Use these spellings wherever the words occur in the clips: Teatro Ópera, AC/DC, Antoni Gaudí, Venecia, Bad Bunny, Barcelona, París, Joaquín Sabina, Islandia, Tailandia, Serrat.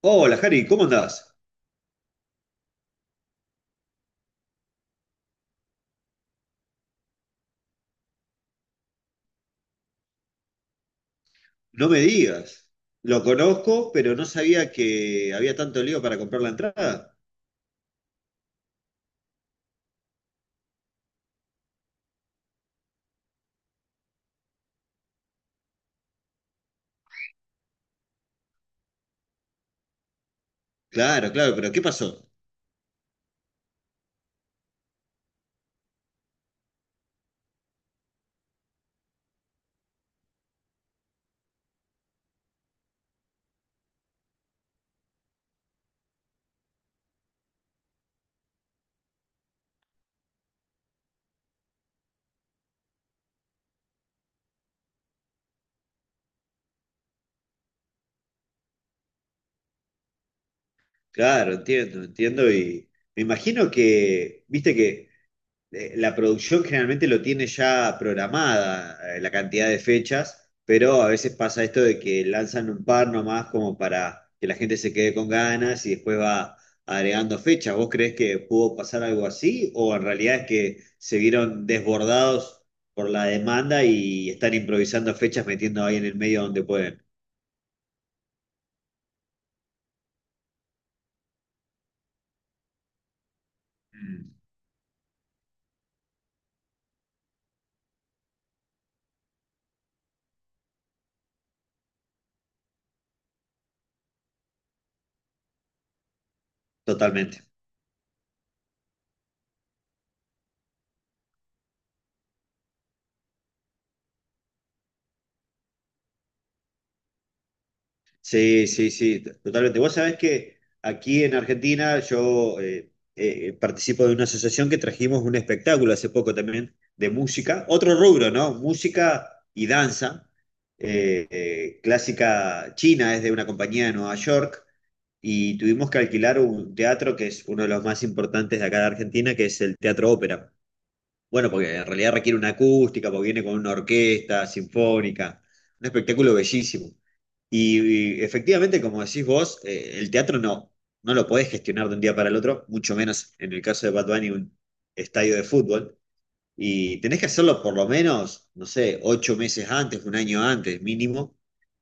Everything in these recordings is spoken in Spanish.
Hola, Jari, ¿cómo andás? No me digas. Lo conozco, pero no sabía que había tanto lío para comprar la entrada. Claro, claro, pero ¿qué pasó? Claro, entiendo, entiendo y me imagino que, viste que la producción generalmente lo tiene ya programada, la cantidad de fechas, pero a veces pasa esto de que lanzan un par nomás como para que la gente se quede con ganas y después va agregando fechas. ¿Vos creés que pudo pasar algo así o en realidad es que se vieron desbordados por la demanda y están improvisando fechas metiendo ahí en el medio donde pueden? Mm. Totalmente. Sí, sí, sí, totalmente. Vos sabés que aquí en Argentina yo participo de una asociación que trajimos un espectáculo hace poco también de música, otro rubro, ¿no? Música y danza, clásica china, es de una compañía de Nueva York, y tuvimos que alquilar un teatro que es uno de los más importantes de acá de Argentina, que es el Teatro Ópera. Bueno, porque en realidad requiere una acústica, porque viene con una orquesta sinfónica, un espectáculo bellísimo. Y efectivamente, como decís vos, el teatro no lo podés gestionar de un día para el otro, mucho menos en el caso de Bad Bunny, un estadio de fútbol. Y tenés que hacerlo por lo menos, no sé, 8 meses antes, un año antes mínimo.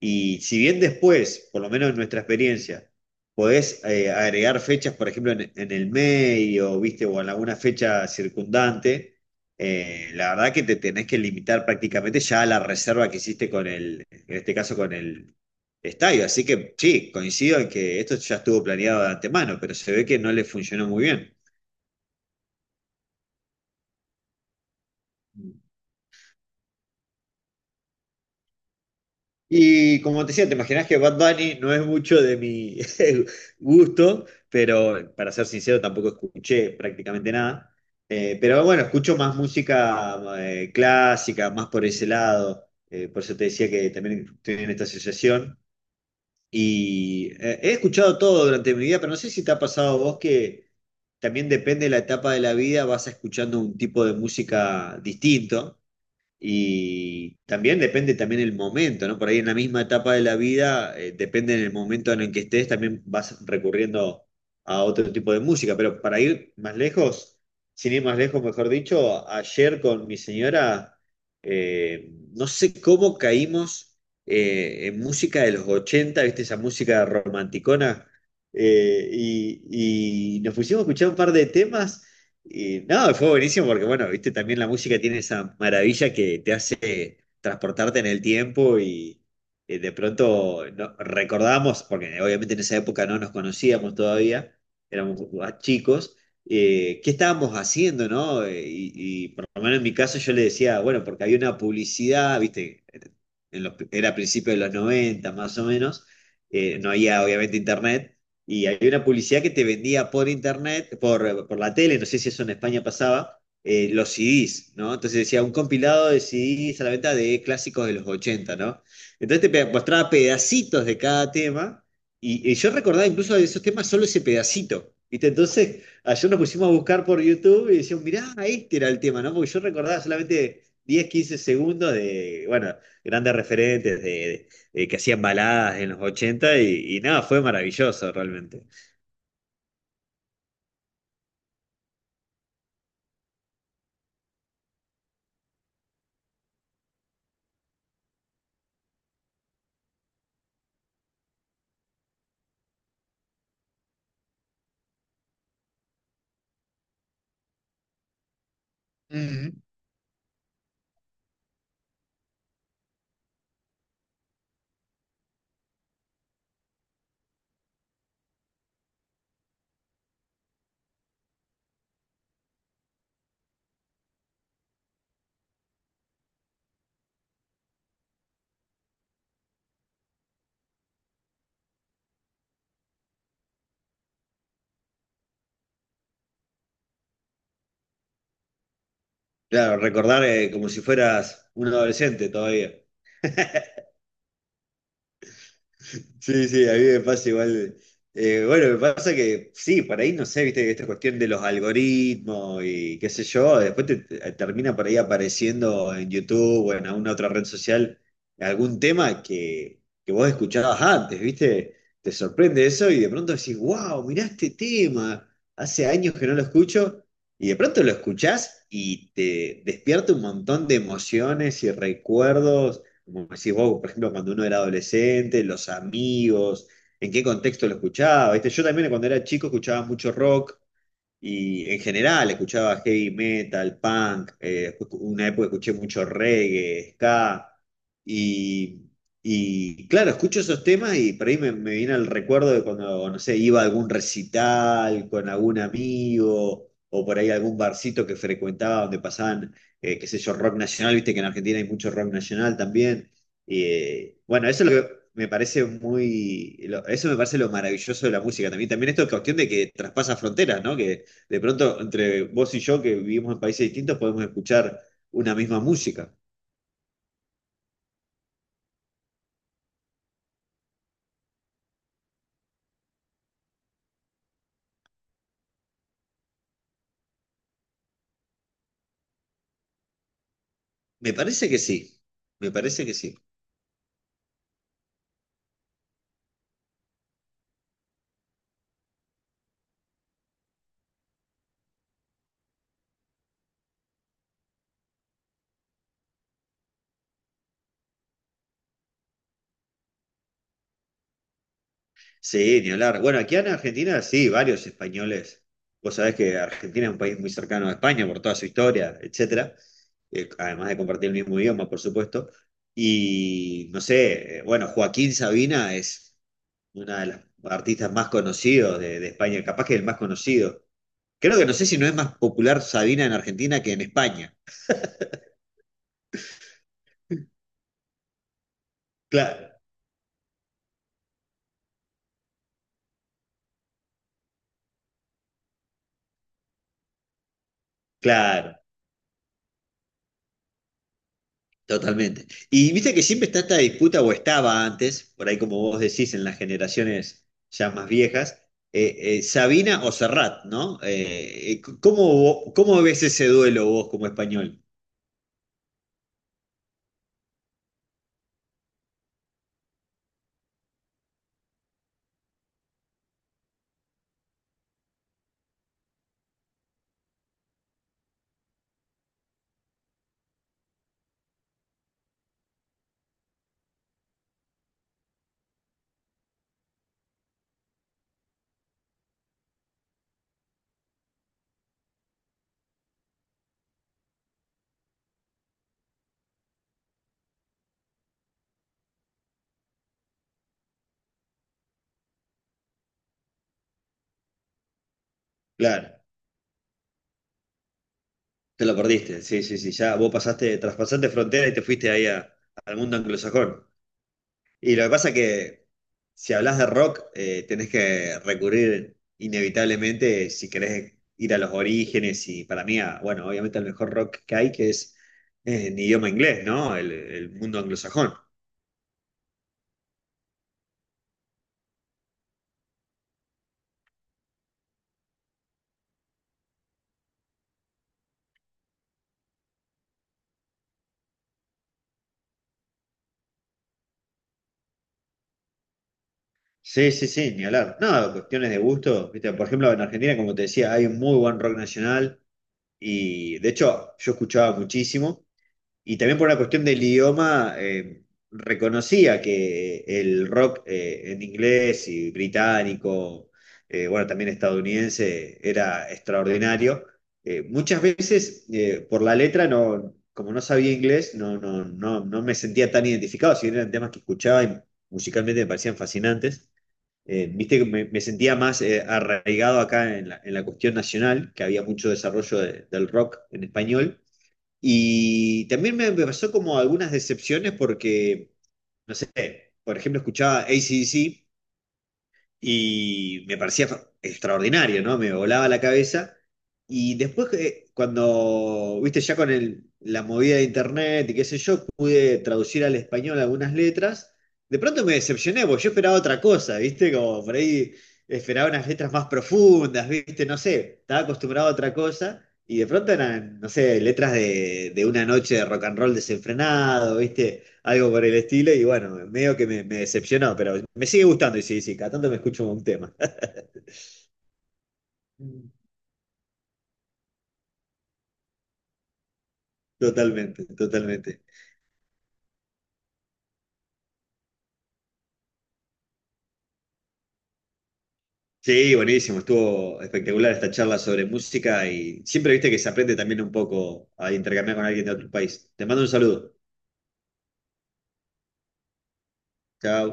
Y si bien después, por lo menos en nuestra experiencia, podés agregar fechas, por ejemplo, en el medio, ¿viste? O en alguna fecha circundante, la verdad que te tenés que limitar prácticamente ya a la reserva que hiciste con el, en este caso con el estadio. Así que sí, coincido en que esto ya estuvo planeado de antemano, pero se ve que no le funcionó muy bien. Y como te decía, te imaginas que Bad Bunny no es mucho de mi gusto, pero para ser sincero tampoco escuché prácticamente nada. Pero bueno, escucho más música clásica, más por ese lado. Por eso te decía que también estoy en esta asociación. Y he escuchado todo durante mi vida, pero no sé si te ha pasado a vos que también depende de la etapa de la vida, vas escuchando un tipo de música distinto. Y también depende también el momento, ¿no? Por ahí en la misma etapa de la vida, depende en el momento en el que estés, también vas recurriendo a otro tipo de música. Pero para ir más lejos, sin ir más lejos, mejor dicho, ayer con mi señora, no sé cómo caímos en música de los ochenta, ¿viste? Esa música romanticona. Y nos pusimos a escuchar un par de temas. Y no, fue buenísimo porque, bueno, viste, también la música tiene esa maravilla que te hace transportarte en el tiempo y de pronto no, recordamos, porque obviamente en esa época no nos conocíamos todavía, éramos más chicos, qué estábamos haciendo, ¿no? Y por lo menos en mi caso yo le decía, bueno, porque había una publicidad, viste, era a principios de los 90 más o menos, no había obviamente internet, y había una publicidad que te vendía por internet, por la tele, no sé si eso en España pasaba, los CDs, ¿no? Entonces decía un compilado de CDs a la venta de clásicos de los ochenta, ¿no? Entonces te mostraba pedacitos de cada tema, y yo recordaba incluso de esos temas solo ese pedacito. ¿Viste? Entonces, ayer nos pusimos a buscar por YouTube y decíamos, mirá, este era el tema, ¿no? Porque yo recordaba solamente 10 15 segundos de, bueno, grandes referentes de que hacían baladas en los 80 y nada, fue maravilloso realmente. Ujú. Claro, recordar como si fueras un adolescente todavía. Sí, sí, a mí me pasa igual. Bueno, me pasa que sí, por ahí no sé, viste, esta cuestión de los algoritmos y qué sé yo, después te termina por ahí apareciendo en YouTube o en alguna otra red social algún tema que vos escuchabas antes, viste, te sorprende eso y de pronto decís, wow, mirá este tema, hace años que no lo escucho y de pronto lo escuchás y te despierta un montón de emociones y recuerdos como decís vos, por ejemplo, cuando uno era adolescente, los amigos, en qué contexto lo escuchaba. ¿Viste? Yo también cuando era chico escuchaba mucho rock, y en general escuchaba heavy metal, punk, una época escuché mucho reggae, ska, y, y claro, escucho esos temas y por ahí me viene el recuerdo de cuando, no sé, iba a algún recital con algún amigo, o por ahí algún barcito que frecuentaba donde pasaban, qué sé yo, rock nacional, viste que en Argentina hay mucho rock nacional también. Y, bueno, eso es lo que me parece eso me parece lo maravilloso de la música también. También esto es cuestión de que traspasa fronteras, ¿no? Que de pronto entre vos y yo, que vivimos en países distintos, podemos escuchar una misma música. Me parece que sí, me parece que sí. Sí, ni hablar. Bueno, aquí en Argentina sí, varios españoles. Vos sabés que Argentina es un país muy cercano a España por toda su historia, etcétera. Además de compartir el mismo idioma, por supuesto. Y no sé, bueno, Joaquín Sabina es una de las artistas más conocidos de España, capaz que el más conocido. Creo que no sé si no es más popular Sabina en Argentina que en España. Claro, claro, totalmente. Y viste que siempre está esta disputa, o estaba antes, por ahí como vos decís, en las generaciones ya más viejas, Sabina o Serrat, ¿no? ¿Cómo ves ese duelo vos como español? Claro, te lo perdiste, sí, sí, sí, ya vos pasaste, traspasaste frontera y te fuiste ahí al mundo anglosajón. Y lo que pasa que si hablas de rock, tenés que recurrir inevitablemente si querés ir a los orígenes y para mí, bueno, obviamente el mejor rock que hay, que es en idioma inglés, ¿no? El mundo anglosajón. Sí, sí, sí, ni hablar. No, cuestiones de gusto, ¿viste? Por ejemplo, en Argentina, como te decía, hay un muy buen rock nacional y de hecho yo escuchaba muchísimo. Y también por una cuestión del idioma, reconocía que el rock en inglés y británico, bueno, también estadounidense, era extraordinario. Muchas veces por la letra, no, como no sabía inglés, no me sentía tan identificado, si bien eran temas que escuchaba y musicalmente me parecían fascinantes. Viste que me sentía más arraigado acá en la cuestión nacional, que había mucho desarrollo del rock en español y también me pasó como algunas decepciones porque, no sé, por ejemplo, escuchaba a C/D c ACDC y me parecía extraordinario, ¿no? Me volaba la cabeza. Y después, que cuando, viste, ya con la movida de internet y qué sé yo, pude traducir al español algunas letras, de pronto me decepcioné, porque yo esperaba otra cosa, viste, como por ahí esperaba unas letras más profundas, viste, no sé, estaba acostumbrado a otra cosa. Y de pronto eran, no sé, letras de una noche de rock and roll desenfrenado, ¿viste? Algo por el estilo, y bueno, medio que me decepcionó, pero me sigue gustando, y sí, sí, cada tanto me escucho un tema. Totalmente, totalmente. Sí, buenísimo, estuvo espectacular esta charla sobre música y siempre viste que se aprende también un poco a intercambiar con alguien de otro país. Te mando un saludo. Chao.